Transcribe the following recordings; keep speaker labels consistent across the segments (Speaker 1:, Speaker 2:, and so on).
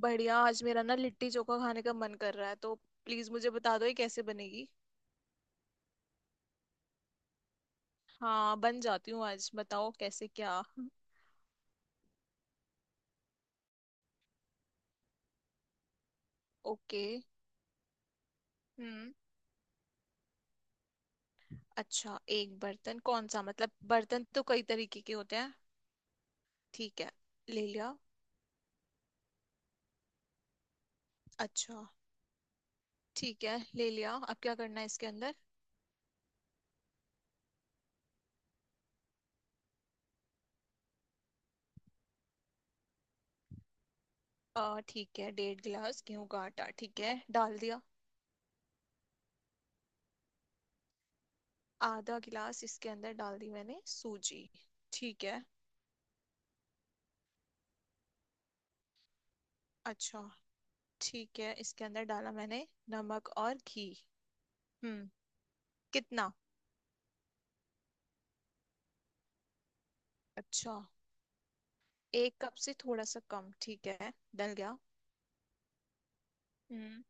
Speaker 1: बढ़िया। आज मेरा ना लिट्टी चोखा खाने का मन कर रहा है तो प्लीज मुझे बता दो ये कैसे बनेगी। हाँ बन जाती हूँ, आज बताओ कैसे क्या। ओके। हम्म। अच्छा एक बर्तन कौन सा, मतलब बर्तन तो कई तरीके के होते हैं। ठीक है, ले लिया। अच्छा, ठीक है ले लिया, अब क्या करना है इसके अंदर। आ ठीक है, डेढ़ गिलास गेहूं का आटा, ठीक है डाल दिया। आधा गिलास इसके अंदर डाल दी मैंने सूजी, ठीक है। अच्छा, ठीक है, इसके अंदर डाला मैंने नमक और घी। हम्म, कितना? अच्छा, एक कप से थोड़ा सा कम, ठीक है डल गया। हम्म।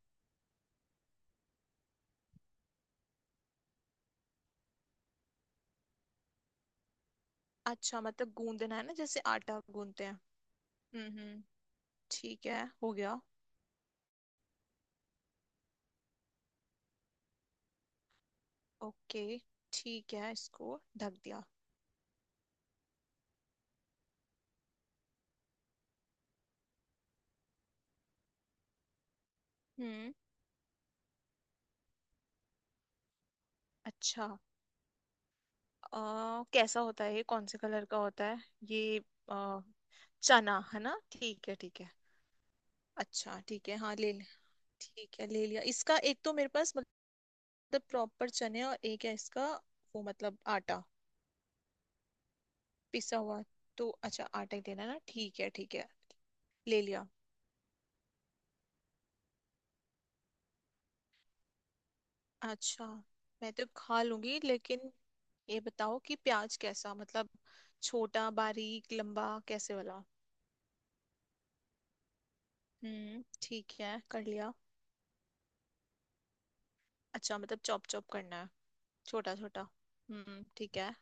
Speaker 1: अच्छा मतलब गूंदना है ना, जैसे आटा गूंदते हैं। हम्म, ठीक है हो गया। ओके, ठीक है इसको ढक दिया। हम्म। अच्छा, कैसा होता है ये, कौन से कलर का होता है ये? आ, चना है ना, ठीक है ठीक है। अच्छा ठीक है, हाँ ले लिया। ठीक है ले लिया, इसका एक तो मेरे पास मतलब प्रॉपर चने, और एक है इसका वो, मतलब आटा पिसा हुआ। तो अच्छा, आटा ही देना ना, ठीक है ठीक है, ले लिया। अच्छा मैं तो खा लूंगी, लेकिन ये बताओ कि प्याज कैसा, मतलब छोटा, बारीक, लंबा, कैसे वाला? हम्म, ठीक है कर लिया। अच्छा मतलब चॉप चॉप करना है, छोटा छोटा। हम्म, ठीक है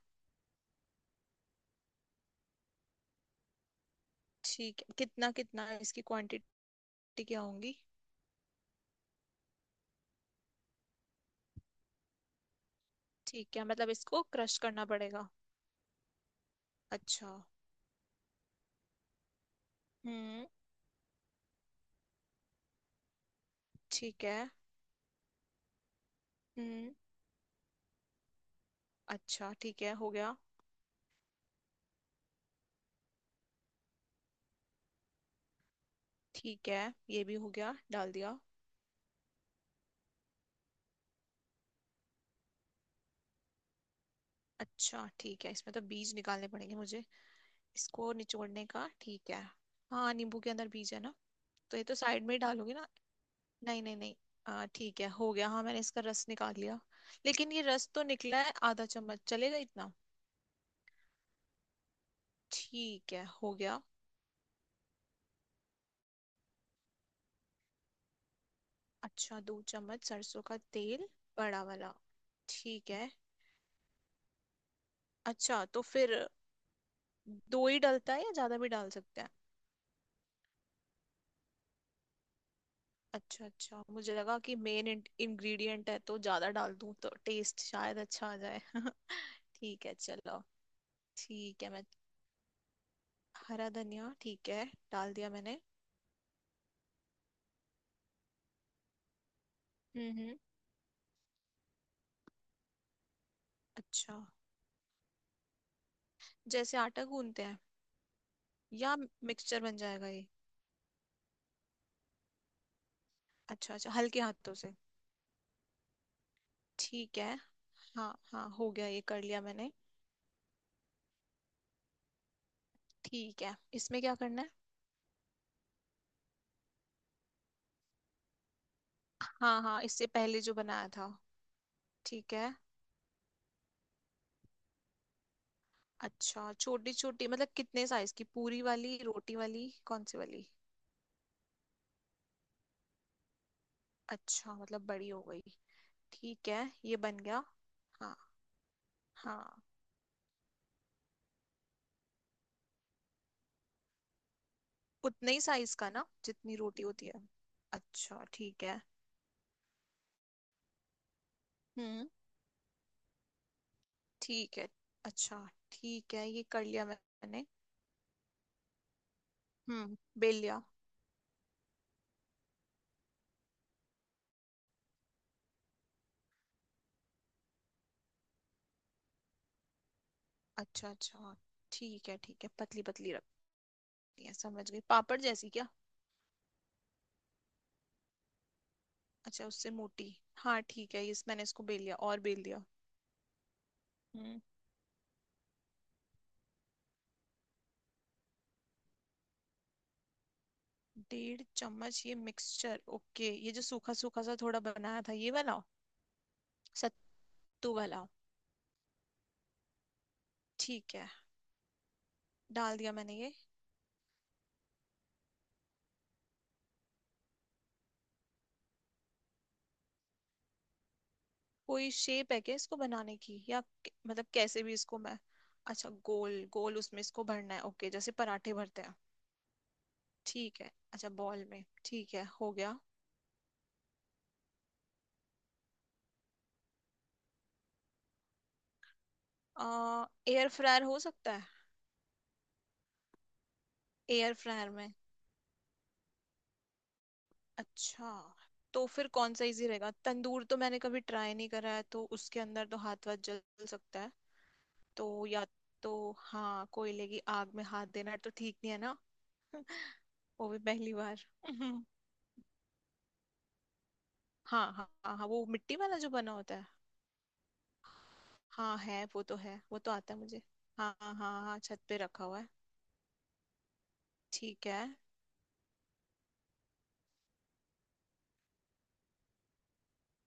Speaker 1: ठीक है। कितना कितना है? इसकी क्वांटिटी क्या होगी? ठीक है, मतलब इसको क्रश करना पड़ेगा। अच्छा। हम्म, ठीक है। हम्म, अच्छा ठीक है हो गया। ठीक है, ये भी हो गया डाल दिया। अच्छा ठीक है, इसमें तो बीज निकालने पड़ेंगे मुझे, इसको निचोड़ने का, ठीक है। हाँ, नींबू के अंदर बीज है ना, तो ये तो साइड में ही डालोगे ना। नहीं नहीं नहीं। ठीक है हो गया, हाँ मैंने इसका रस निकाल लिया। लेकिन ये रस तो निकला है आधा चम्मच, चलेगा इतना? ठीक है हो गया। अच्छा दो चम्मच सरसों का तेल, बड़ा वाला? ठीक है। अच्छा, तो फिर दो ही डलता है या ज्यादा भी डाल सकते हैं? अच्छा अच्छा, मुझे लगा कि मेन इंग्रेडिएंट है तो ज्यादा डाल दूं तो टेस्ट शायद अच्छा आ जाए। ठीक है चलो। ठीक है मैं, हरा धनिया ठीक है, डाल दिया मैंने। हम्म। अच्छा जैसे आटा गूंदते हैं, या मिक्सचर बन जाएगा ये? अच्छा अच्छा, हल्के हाथों से। ठीक है। हाँ हाँ हो गया, ये कर लिया मैंने। ठीक है, इसमें क्या करना है? हाँ हाँ, इससे पहले जो बनाया था। ठीक है। अच्छा छोटी छोटी मतलब कितने साइज की, पूरी वाली, रोटी वाली, कौन सी वाली? अच्छा मतलब बड़ी हो गई। ठीक है ये बन गया। हाँ हाँ, उतने ही साइज का ना जितनी रोटी होती है। अच्छा ठीक है। हम्म। ठीक है। अच्छा, ठीक है ये कर लिया मैंने, बेल लिया। अच्छा अच्छा। ठीक है ठीक है, पतली पतली रखनी है, समझ गई, पापड़ जैसी क्या? अच्छा उससे मोटी। हाँ ठीक है, इस मैंने इसको बेल लिया और बेल दिया। हम्म। डेढ़ चम्मच ये मिक्सचर, ओके ये जो सूखा सूखा सा थोड़ा बनाया था ये वाला, सत्तू वाला। ठीक है डाल दिया मैंने ये। कोई शेप है क्या इसको बनाने की, या मतलब कैसे भी इसको मैं? अच्छा गोल गोल, उसमें इसको भरना है, ओके जैसे पराठे भरते हैं। ठीक है, अच्छा बॉल में ठीक है हो गया। आ, एयर फ्रायर हो सकता है, एयर फ्रायर में। अच्छा, तो फिर कौन सा इजी रहेगा? तंदूर तो मैंने कभी ट्राई नहीं करा है, तो उसके अंदर तो हाथ वाथ जल सकता है। तो या तो, हाँ कोयले की आग में हाथ देना तो ठीक नहीं है ना। वो भी पहली बार। हाँ हाँ हाँ हाँ, वो मिट्टी वाला जो बना होता है। हाँ है, वो तो है, वो तो आता है मुझे। हाँ हाँ हाँ हाँ, छत पे रखा हुआ है। ठीक है।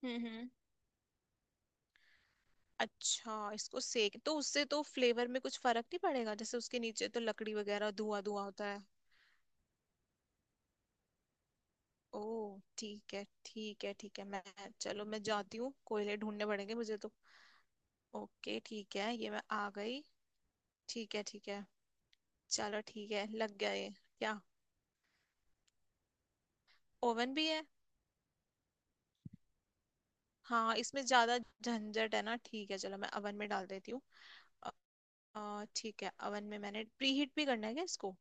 Speaker 1: हम्म। अच्छा इसको सेक तो, उससे तो फ्लेवर में कुछ फर्क नहीं पड़ेगा? जैसे उसके नीचे तो लकड़ी वगैरह, धुआं धुआं होता है। ओ ठीक है ठीक है ठीक है। मैं चलो मैं जाती हूँ, कोयले ढूंढने पड़ेंगे मुझे तो। ओके ठीक है, ये मैं आ गई। ठीक है ठीक है। चलो ठीक है, लग गया ये। क्या? ओवन भी है। हाँ इसमें ज्यादा झंझट है ना, ठीक है चलो मैं ओवन में डाल देती हूँ। अ, ठीक है, अवन में मैंने प्रीहीट भी करना है क्या इसको?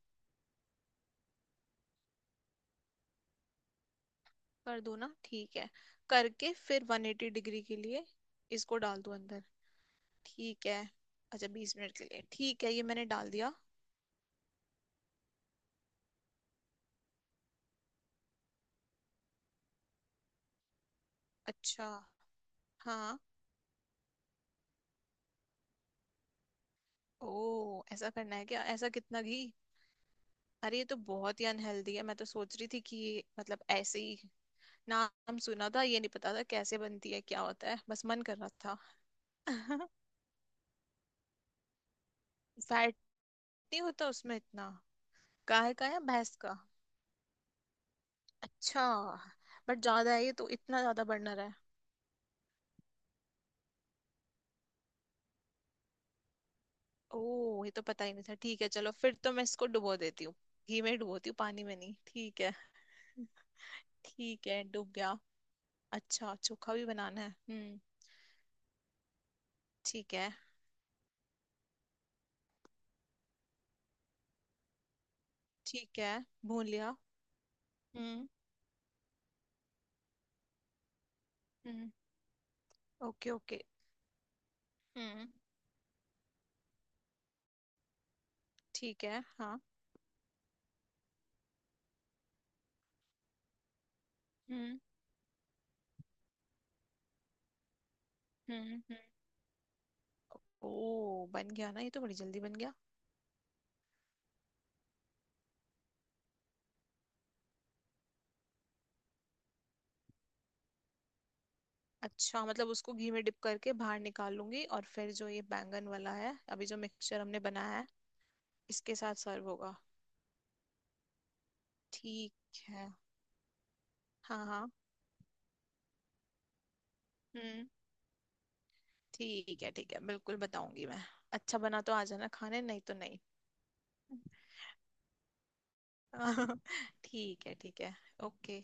Speaker 1: कर दूं ना, ठीक है। करके फिर 180 डिग्री के लिए इसको डाल दूं अंदर। ठीक है, अच्छा 20 मिनट के लिए, ठीक है ये मैंने डाल दिया। अच्छा। हाँ। ओ ऐसा करना है क्या? ऐसा कितना घी? अरे ये तो बहुत ही अनहेल्दी है, मैं तो सोच रही थी कि ये मतलब ऐसे ही, नाम सुना था, ये नहीं पता था कैसे बनती है क्या होता है, बस मन कर रहा था। फैट नहीं होता उसमें इतना? गाय का या भैंस का? अच्छा। बट ज्यादा है ये, तो इतना ज्यादा बर्नर है? ओह ये तो पता ही नहीं था, ठीक है चलो फिर तो मैं इसको डुबो देती हूँ। घी में डुबोती हूँ, पानी में नहीं, ठीक है। ठीक है डूब गया। अच्छा चोखा भी बनाना है। ठीक है ठीक है। भून लिया। हम्म हम्म। Okay okay. हम्म ठीक है हाँ। हम्म हम्म। ओ बन गया ना, ये तो बड़ी जल्दी बन गया। अच्छा मतलब उसको घी में डिप करके बाहर निकाल लूंगी, और फिर जो ये बैंगन वाला है अभी जो मिक्सचर हमने बनाया है, इसके साथ सर्व होगा। ठीक है। हाँ हाँ। हम्म। ठीक है ठीक है, बिल्कुल बताऊंगी मैं। अच्छा बना तो आ जाना खाने, नहीं तो नहीं। ठीक है ठीक है। ओके।